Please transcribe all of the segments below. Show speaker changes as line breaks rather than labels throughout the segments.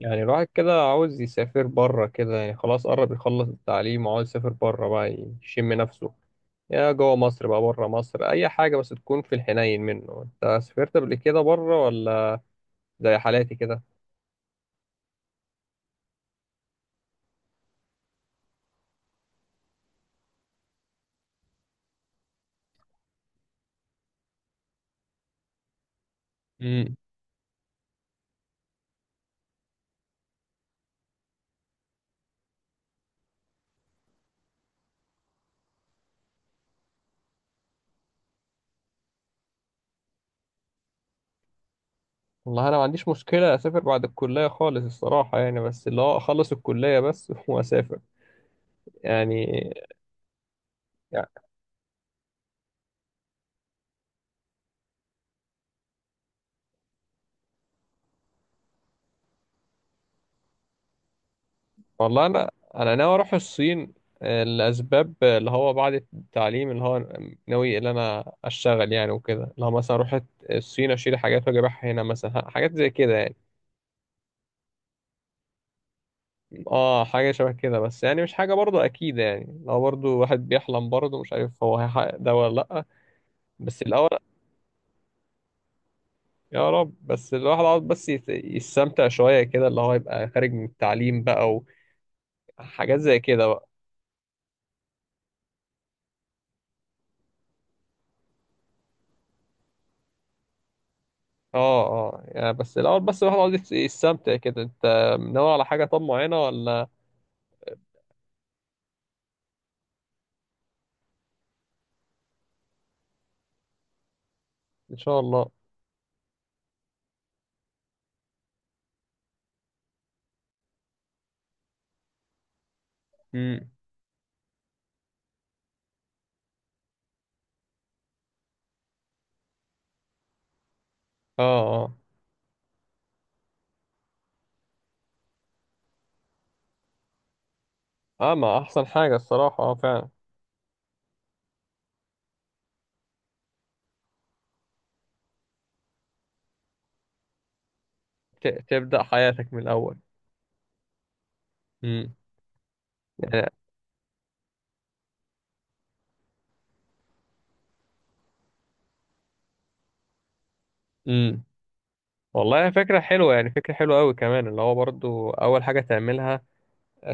يعني الواحد كده عاوز يسافر بره كده يعني خلاص قرب يخلص التعليم وعاوز يسافر بره بقى، يشم نفسه يا جوه مصر بقى بره مصر أي حاجة بس تكون في الحنين منه. أنت سافرت قبل كده بره ولا زي حالاتي كده؟ امم. والله أنا ما عنديش مشكلة أسافر بعد الكلية خالص الصراحة يعني، بس اللي هو أخلص الكلية بس وأسافر يعني. والله انا ناوي اروح الصين، لاسباب، اللي هو بعد التعليم، اللي هو ناوي اللي انا اشتغل يعني وكده، اللي هو مثلا اروح الصين اشيل حاجات واجي ابيعها هنا مثلا، حاجات زي كده يعني. اه، حاجه شبه كده، بس يعني مش حاجه برضه اكيد يعني، لو برضه واحد بيحلم برضه مش عارف هو هيحقق ده ولا لا، بس الاول. يا رب، بس الواحد عاوز بس يستمتع شويه كده، اللي هو يبقى خارج من التعليم بقى وحاجات زي كده بقى. اه، اه، يعني بس الاول، بس الواحد عاوز يستمتع كده. انت ناوي على حاجه طب معينه ولا؟ ان شاء الله. امم. اه، اه، اه، ما احسن حاجه الصراحه، اه فعلا. تبدا حياتك من الاول. امم. يعني. امم. والله فكره حلوه يعني، فكره حلوه قوي كمان، اللي هو برضو اول حاجه تعملها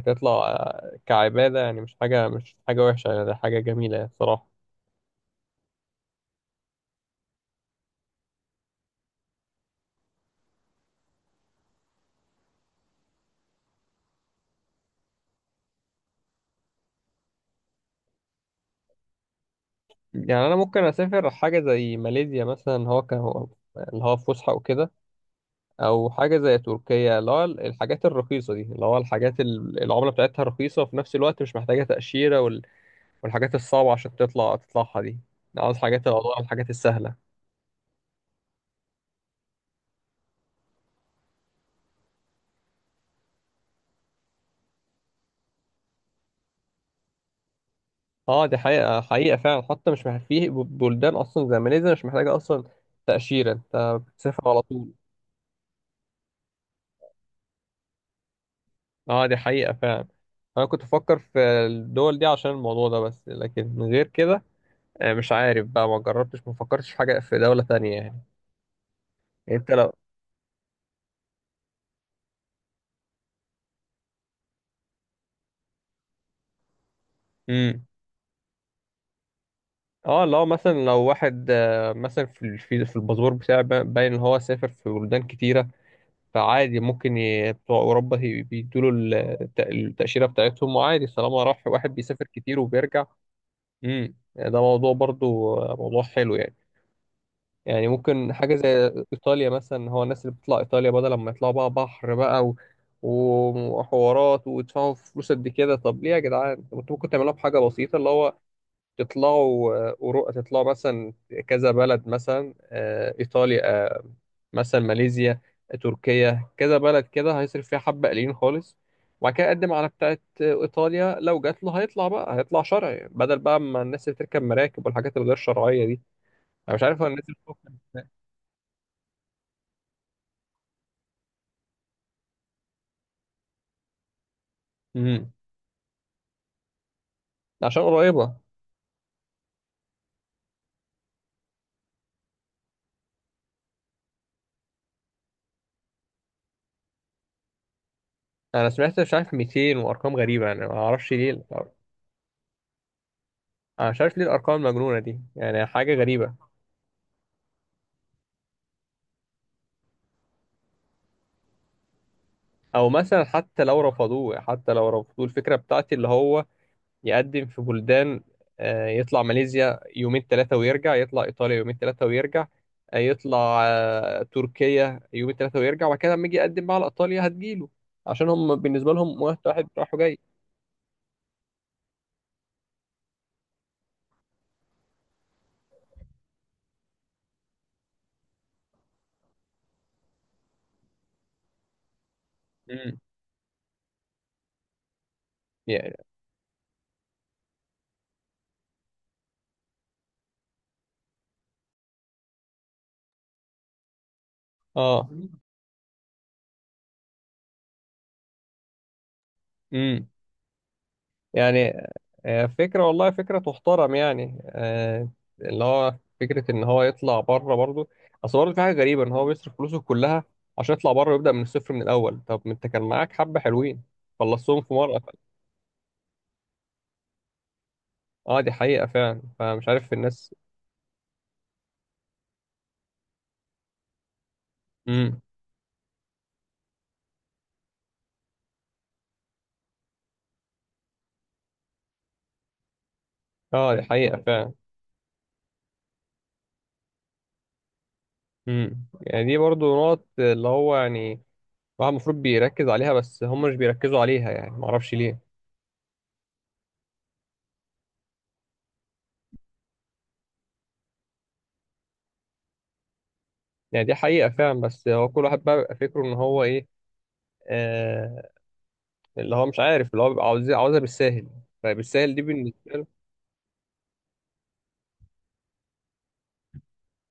تطلع، كعباده يعني، مش حاجه وحشه يعني، ده حاجه جميله يعني الصراحه. يعني انا ممكن اسافر حاجه زي ماليزيا مثلا، هو كان هو اللي هو فسحه وكده، او حاجه زي تركيا، اللي هو الحاجات الرخيصه دي، اللي هو الحاجات العمله بتاعتها رخيصه وفي نفس الوقت مش محتاجه تاشيره والحاجات الصعبه عشان تطلعها دي. أنا عاوز حاجات الأضواء، الحاجات السهله. اه دي حقيقه فعلا، حتى مش محتاج، في بلدان اصلا زي ماليزيا مش محتاجه اصلا تاشيره، انت بتسافر على طول. اه دي حقيقه فعلا، انا كنت بفكر في الدول دي عشان الموضوع ده، بس لكن من غير كده مش عارف بقى، ما جربتش ما فكرتش في حاجه في دوله تانية يعني. انت لو مم. اه، لو واحد مثلا في في الباسبور بتاعه، باين ان هو سافر في بلدان كتيره، فعادي ممكن بتوع اوروبا بيدوله التاشيره بتاعتهم، وعادي طالما راح واحد بيسافر كتير وبيرجع. ده موضوع برضو موضوع حلو يعني. يعني ممكن حاجه زي ايطاليا مثلا، هو الناس اللي بتطلع ايطاليا بدل لما يطلعوا بقى بحر بقى وحوارات ويدفعوا فلوس قد كده، طب ليه يا جدعان انتوا ممكن تعملوها بحاجه بسيطه، اللي هو تطلعوا، تطلعوا مثلا كذا بلد، مثلا إيطاليا، مثلا ماليزيا، تركيا، كذا بلد كده هيصرف فيها حبة قليلين خالص، وبعد كده يقدم على بتاعة إيطاليا، لو جات له هيطلع بقى، هيطلع شرعي بدل بقى ما الناس اللي بتركب مراكب والحاجات الغير شرعية دي. أنا مش عارف هو الناس اللي بتفكر إزاي. امم عشان قريبة. أنا سمعت مش عارف 200 وأرقام غريبة يعني، ما أعرفش ليه. أنا مش عارف ليه الأرقام المجنونة دي، يعني حاجة غريبة. او مثلا، حتى لو رفضوه، الفكره بتاعتي اللي هو يقدم في بلدان، يطلع ماليزيا يومين ثلاثه ويرجع، يطلع ايطاليا يومين ثلاثه ويرجع، يطلع تركيا يومين ثلاثه ويرجع، وبعد كده لما يجي يقدم بقى على ايطاليا هتجيله، عشان هم بالنسبه لهم واحد واحد رايح وجاي. امم يعني اه امم يعني فكرة، والله فكرة تحترم يعني، اللي هو فكرة إن هو يطلع بره برضه. أصل برضه في حاجة غريبة إن هو بيصرف فلوسه كلها عشان يطلع بره ويبدأ من الصفر من الأول، طب ما أنت كان معاك حبة حلوين خلصتهم في مرة أه دي حقيقة فعلا، فمش عارف الناس. امم. أه دي حقيقة فعلا. امم. يعني دي برضه نقط اللي هو، يعني الواحد المفروض بيركز عليها، بس هم مش بيركزوا عليها، يعني معرفش ليه. يعني دي حقيقة فعلا، بس هو كل واحد بقى بيبقى فكره إن هو إيه، آه، اللي هو مش عارف، اللي هو بيبقى عاوزها بالساهل، فبالساهل دي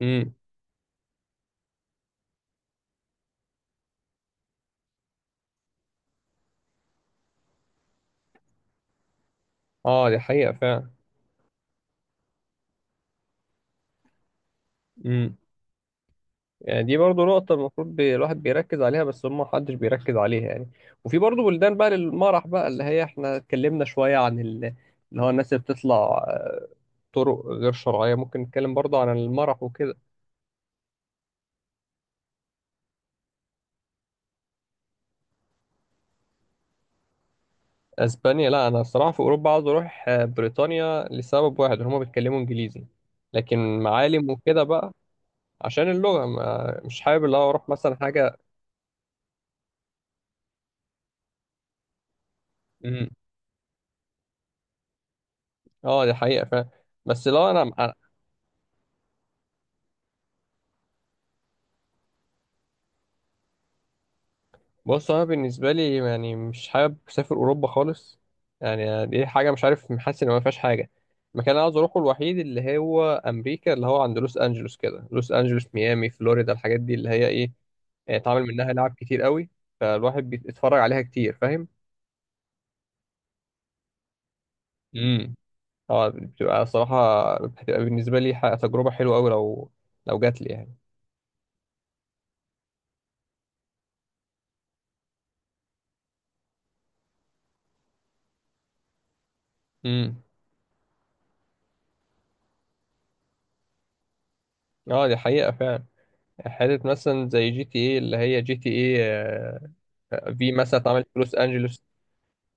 امم. اه دي حقيقة فعلا. امم يعني دي برضو نقطة المفروض الواحد بيركز عليها، بس هم محدش بيركز عليها يعني. وفي برضو بلدان بقى للمرح بقى، اللي هي احنا اتكلمنا شوية عن اللي هو الناس اللي بتطلع آه، طرق غير شرعية، ممكن نتكلم برضو عن المرح وكده. اسبانيا، لا انا الصراحة في اوروبا عاوز اروح بريطانيا، لسبب واحد ان هم بيتكلموا انجليزي، لكن معالم وكده بقى، عشان اللغة، ما مش حابب اللي هو اروح مثلا حاجة. مم. اه دي حقيقة فعلا. بس لو انا بص انا بالنسبة لي يعني مش حابب اسافر اوروبا خالص، يعني دي حاجة مش عارف، حاسس ان ما فيهاش حاجة. المكان اللي عاوز اروحه الوحيد اللي هو امريكا، اللي هو عند لوس انجلوس كده، لوس انجلوس، ميامي، فلوريدا، الحاجات دي اللي هي ايه، يعني اتعمل منها لعب كتير قوي، فالواحد بيتفرج عليها كتير، فاهم. امم اه بتبقى صراحة، بتبقى بالنسبة لي تجربة حلوة قوي، لو جات لي يعني. امم اه دي حقيقة فعلا. حتة مثلا زي جي تي ايه، اللي هي جي تي ايه في مثلا اتعملت في لوس انجلوس.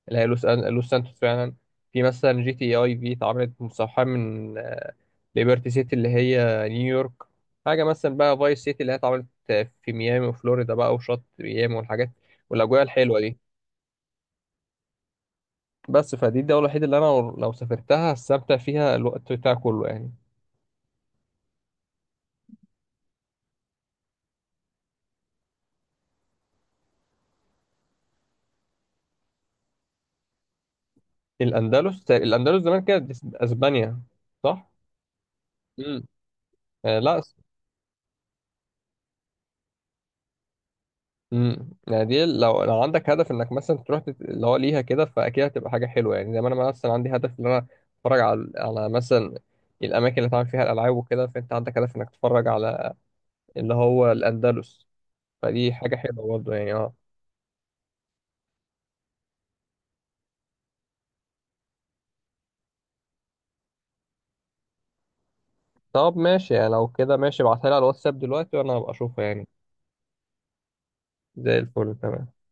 اللي هي لوس سانتوس فعلا. في مثلا جي تي اي اي في اتعملت مستوحاة من، ليبرتي سيتي اللي هي نيويورك. حاجة مثلا بقى فايس سيتي، اللي هي اتعملت في ميامي وفلوريدا بقى، وشط ميامي والحاجات والأجواء الحلوة دي. بس فدي الدولة الوحيدة اللي أنا لو سافرتها هستمتع فيها الوقت بتاعي كله يعني. الأندلس زمان كانت إسبانيا، صح؟ امم. آه لا. امم. يعني دي، لو عندك هدف انك مثلا تروح اللي هو ليها كده، فاكيد هتبقى حاجه حلوه يعني، زي ما انا مثلا عندي هدف ان انا اتفرج على مثلا الاماكن اللي اتعمل فيها الالعاب وكده، فانت عندك هدف انك تتفرج على اللي هو الاندلس، فدي حاجه حلوه برضه يعني اه. طب ماشي يعني، لو كده ماشي ابعتها لي على الواتساب دلوقتي وانا هبقى اشوفها يعني، زي الفل تمام.